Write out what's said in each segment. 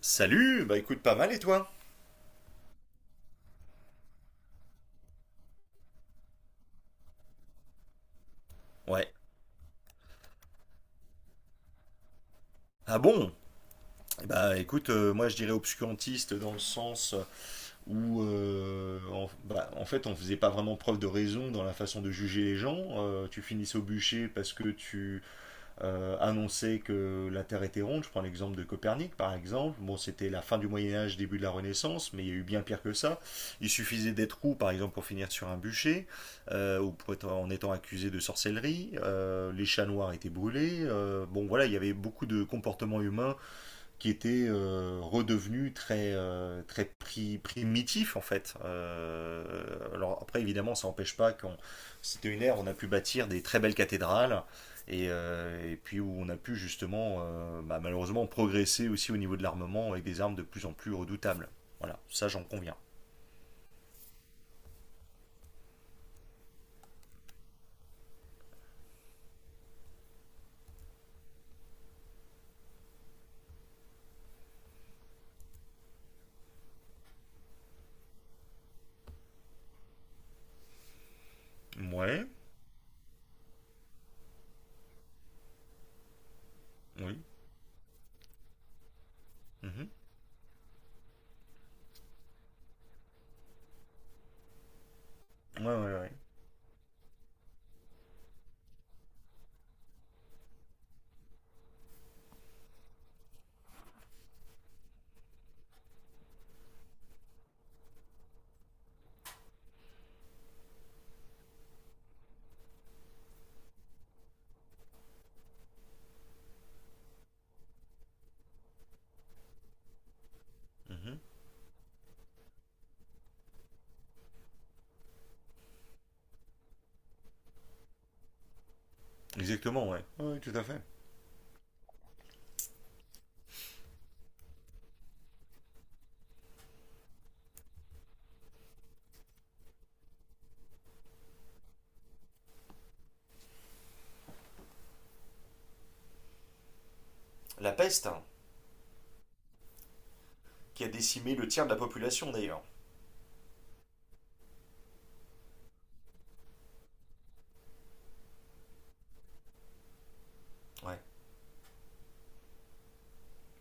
Salut, écoute pas mal et toi? Ouais. Ah bon? Bah écoute, moi je dirais obscurantiste dans le sens où en fait on faisait pas vraiment preuve de raison dans la façon de juger les gens. Tu finissais au bûcher parce que tu annoncer que la Terre était ronde. Je prends l'exemple de Copernic, par exemple. Bon, c'était la fin du Moyen Âge, début de la Renaissance, mais il y a eu bien pire que ça. Il suffisait d'être roux, par exemple, pour finir sur un bûcher, en étant accusé de sorcellerie. Les chats noirs étaient brûlés. Bon, voilà, il y avait beaucoup de comportements humains qui était redevenu très primitif en fait. Alors après évidemment ça n'empêche pas qu'on c'était une ère où on a pu bâtir des très belles cathédrales et puis où on a pu justement malheureusement progresser aussi au niveau de l'armement avec des armes de plus en plus redoutables. Voilà, ça j'en conviens. Ouais, oui. Mhm. Ouais, ouais, ouais. Mhm. Exactement, ouais. Oui, tout à fait. La peste, hein, qui a décimé le tiers de la population d'ailleurs. Ouais.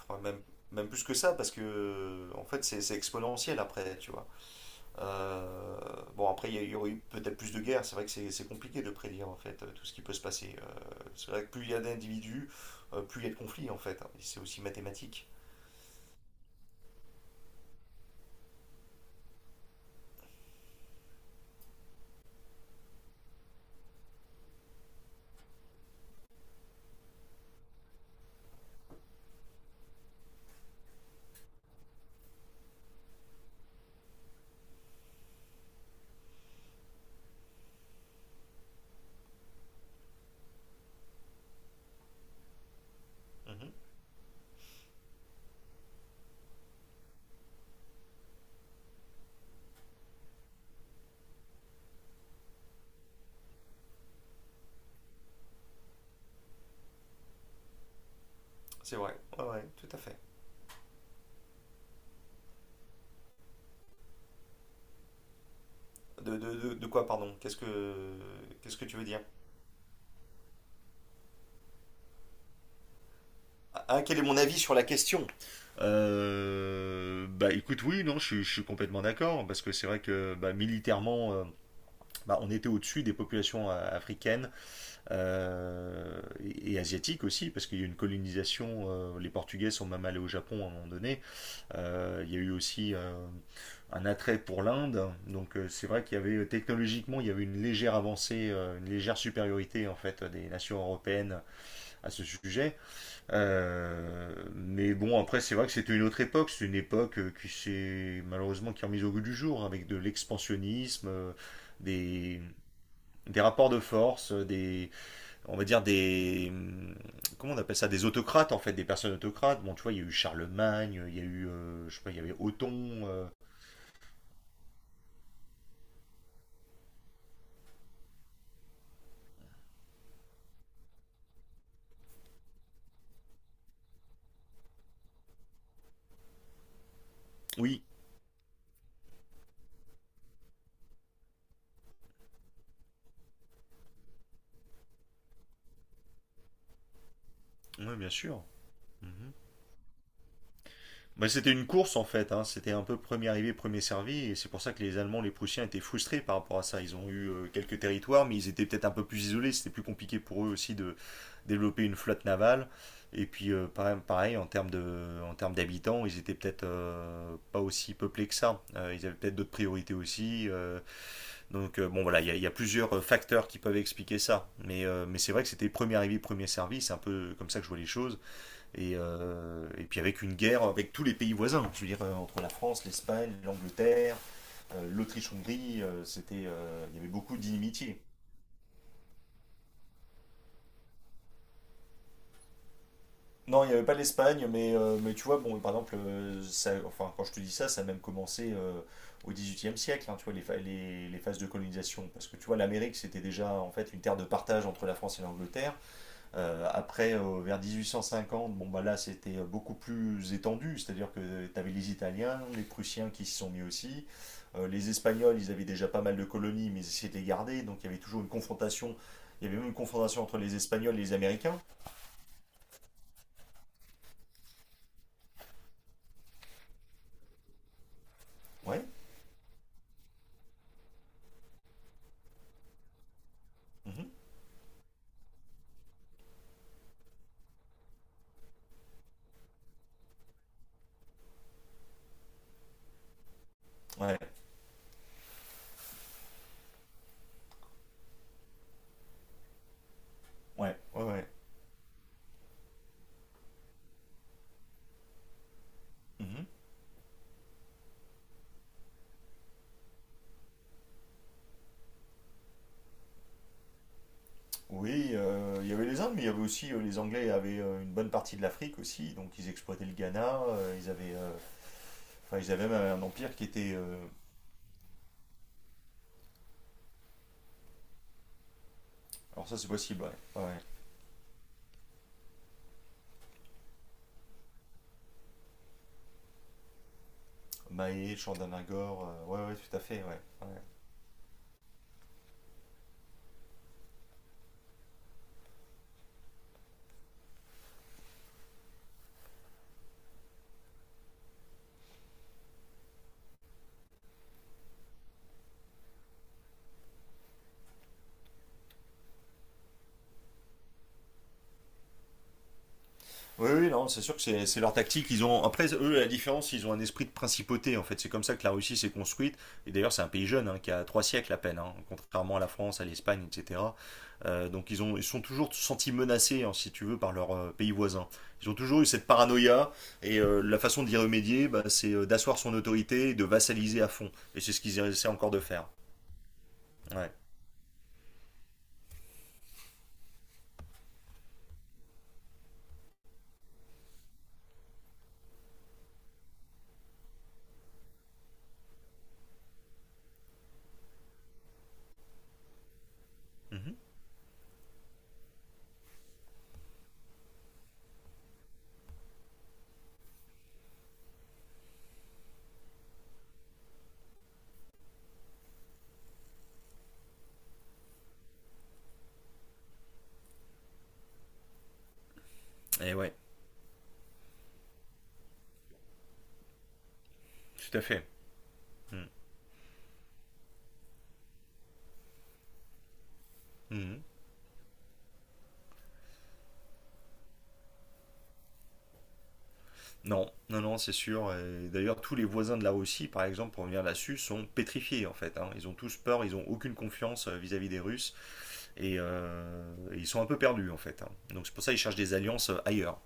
Enfin, même, même plus que ça, parce que en fait c'est exponentiel après, tu vois. Bon, après il y aurait eu peut-être plus de guerres, c'est vrai que c'est compliqué de prédire en fait tout ce qui peut se passer. C'est vrai que plus il y a d'individus, plus il y a de conflits en fait, hein. Et c'est aussi mathématique. Mhm. C'est vrai, ouais, ouais, tout à fait. De quoi, pardon? Qu'est-ce que tu veux dire? Ah, quel est mon avis sur la question? Bah écoute, oui, non, je suis complètement d'accord, parce que c'est vrai que bah, militairement, bah, on était au-dessus des populations africaines et asiatiques aussi, parce qu'il y a eu une colonisation. Euh, les Portugais sont même allés au Japon à un moment donné. Il y a eu aussi un attrait pour l'Inde. Donc c'est vrai qu'il y avait technologiquement, il y avait une légère avancée, une légère supériorité en fait des nations européennes à ce sujet. Mais bon, après c'est vrai que c'était une autre époque. C'est une époque qui s'est malheureusement qui est remise au goût du jour avec de l'expansionnisme. Des, des rapports de force, des, on va dire des, comment on appelle ça, des autocrates en fait, des personnes autocrates. Bon, tu vois, il y a eu Charlemagne, il y a eu, je sais pas, il y avait Othon. Euh. Oui, oui, bien sûr. Mhm. Bah, c'était une course en fait, hein. C'était un peu premier arrivé, premier servi, et c'est pour ça que les Allemands, les Prussiens étaient frustrés par rapport à ça. Ils ont eu quelques territoires, mais ils étaient peut-être un peu plus isolés, c'était plus compliqué pour eux aussi de développer une flotte navale. Et puis pareil, pareil, en termes d'habitants, ils étaient peut-être pas aussi peuplés que ça. Ils avaient peut-être d'autres priorités aussi. Donc bon voilà, il y a plusieurs facteurs qui peuvent expliquer ça. Mais c'est vrai que c'était premier arrivé, premier servi, c'est un peu comme ça que je vois les choses. Et puis avec une guerre avec tous les pays voisins, je veux dire, entre la France, l'Espagne, l'Angleterre, l'Autriche-Hongrie, il y avait beaucoup d'inimitié. Non, il n'y avait pas l'Espagne, mais tu vois, bon, par exemple, enfin, quand je te dis ça, ça a même commencé au XVIIIe siècle, hein, tu vois, les phases de colonisation. Parce que tu vois, l'Amérique, c'était déjà en fait une terre de partage entre la France et l'Angleterre. Après, vers 1850, bon, bah là, c'était beaucoup plus étendu, c'est-à-dire que tu avais les Italiens, les Prussiens qui s'y sont mis aussi. Les Espagnols, ils avaient déjà pas mal de colonies, mais ils essayaient de les garder, donc il y avait toujours une confrontation. Il y avait même une confrontation entre les Espagnols et les Américains. Ouais. Mhm. Ouais, ouais, ouais, ouais. Mhm. Oui, il y avait les Indes, mais il y avait aussi les Anglais avaient une bonne partie de l'Afrique aussi, donc ils exploitaient le Ghana, enfin, ils avaient même un empire qui était. Euh. Alors ça, c'est possible, ouais. Ouais. Maé, Chandanagore, ouais, ouais, tout à fait, ouais, ouais. Oui, oui, non, c'est sûr que c'est leur tactique. Ils ont, après, eux, la différence, ils ont un esprit de principauté, en fait. C'est comme ça que la Russie s'est construite. Et d'ailleurs, c'est un pays jeune, hein, qui a trois siècles à peine, hein, contrairement à la France, à l'Espagne, etc. Donc, ils sont toujours sentis menacés, hein, si tu veux, par leurs pays voisins. Ils ont toujours eu cette paranoïa, et la façon d'y remédier, bah, c'est d'asseoir son autorité et de vassaliser à fond. Et c'est ce qu'ils essaient encore de faire. Ouais. Mhm. Et ouais, tout à fait. Mhm. Mhm. Non, non, non, c'est sûr. Et d'ailleurs, tous les voisins de la Russie, par exemple, pour revenir là-dessus, sont pétrifiés en fait, hein. Ils ont tous peur, ils ont aucune confiance vis-à-vis des Russes et ils sont un peu perdus en fait, hein. Donc c'est pour ça qu'ils cherchent des alliances ailleurs.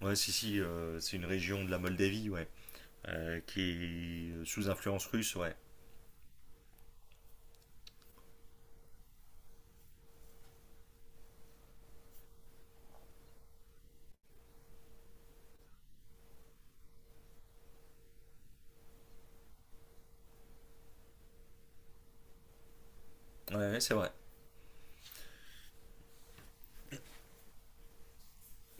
Ouais, si, si, c'est une région de la Moldavie, ouais, qui est sous influence russe, ouais. Ouais, ouais, c'est vrai.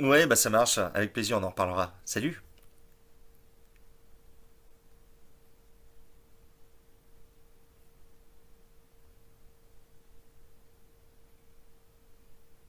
Ouais, bah ça marche. Avec plaisir, on en reparlera. Salut!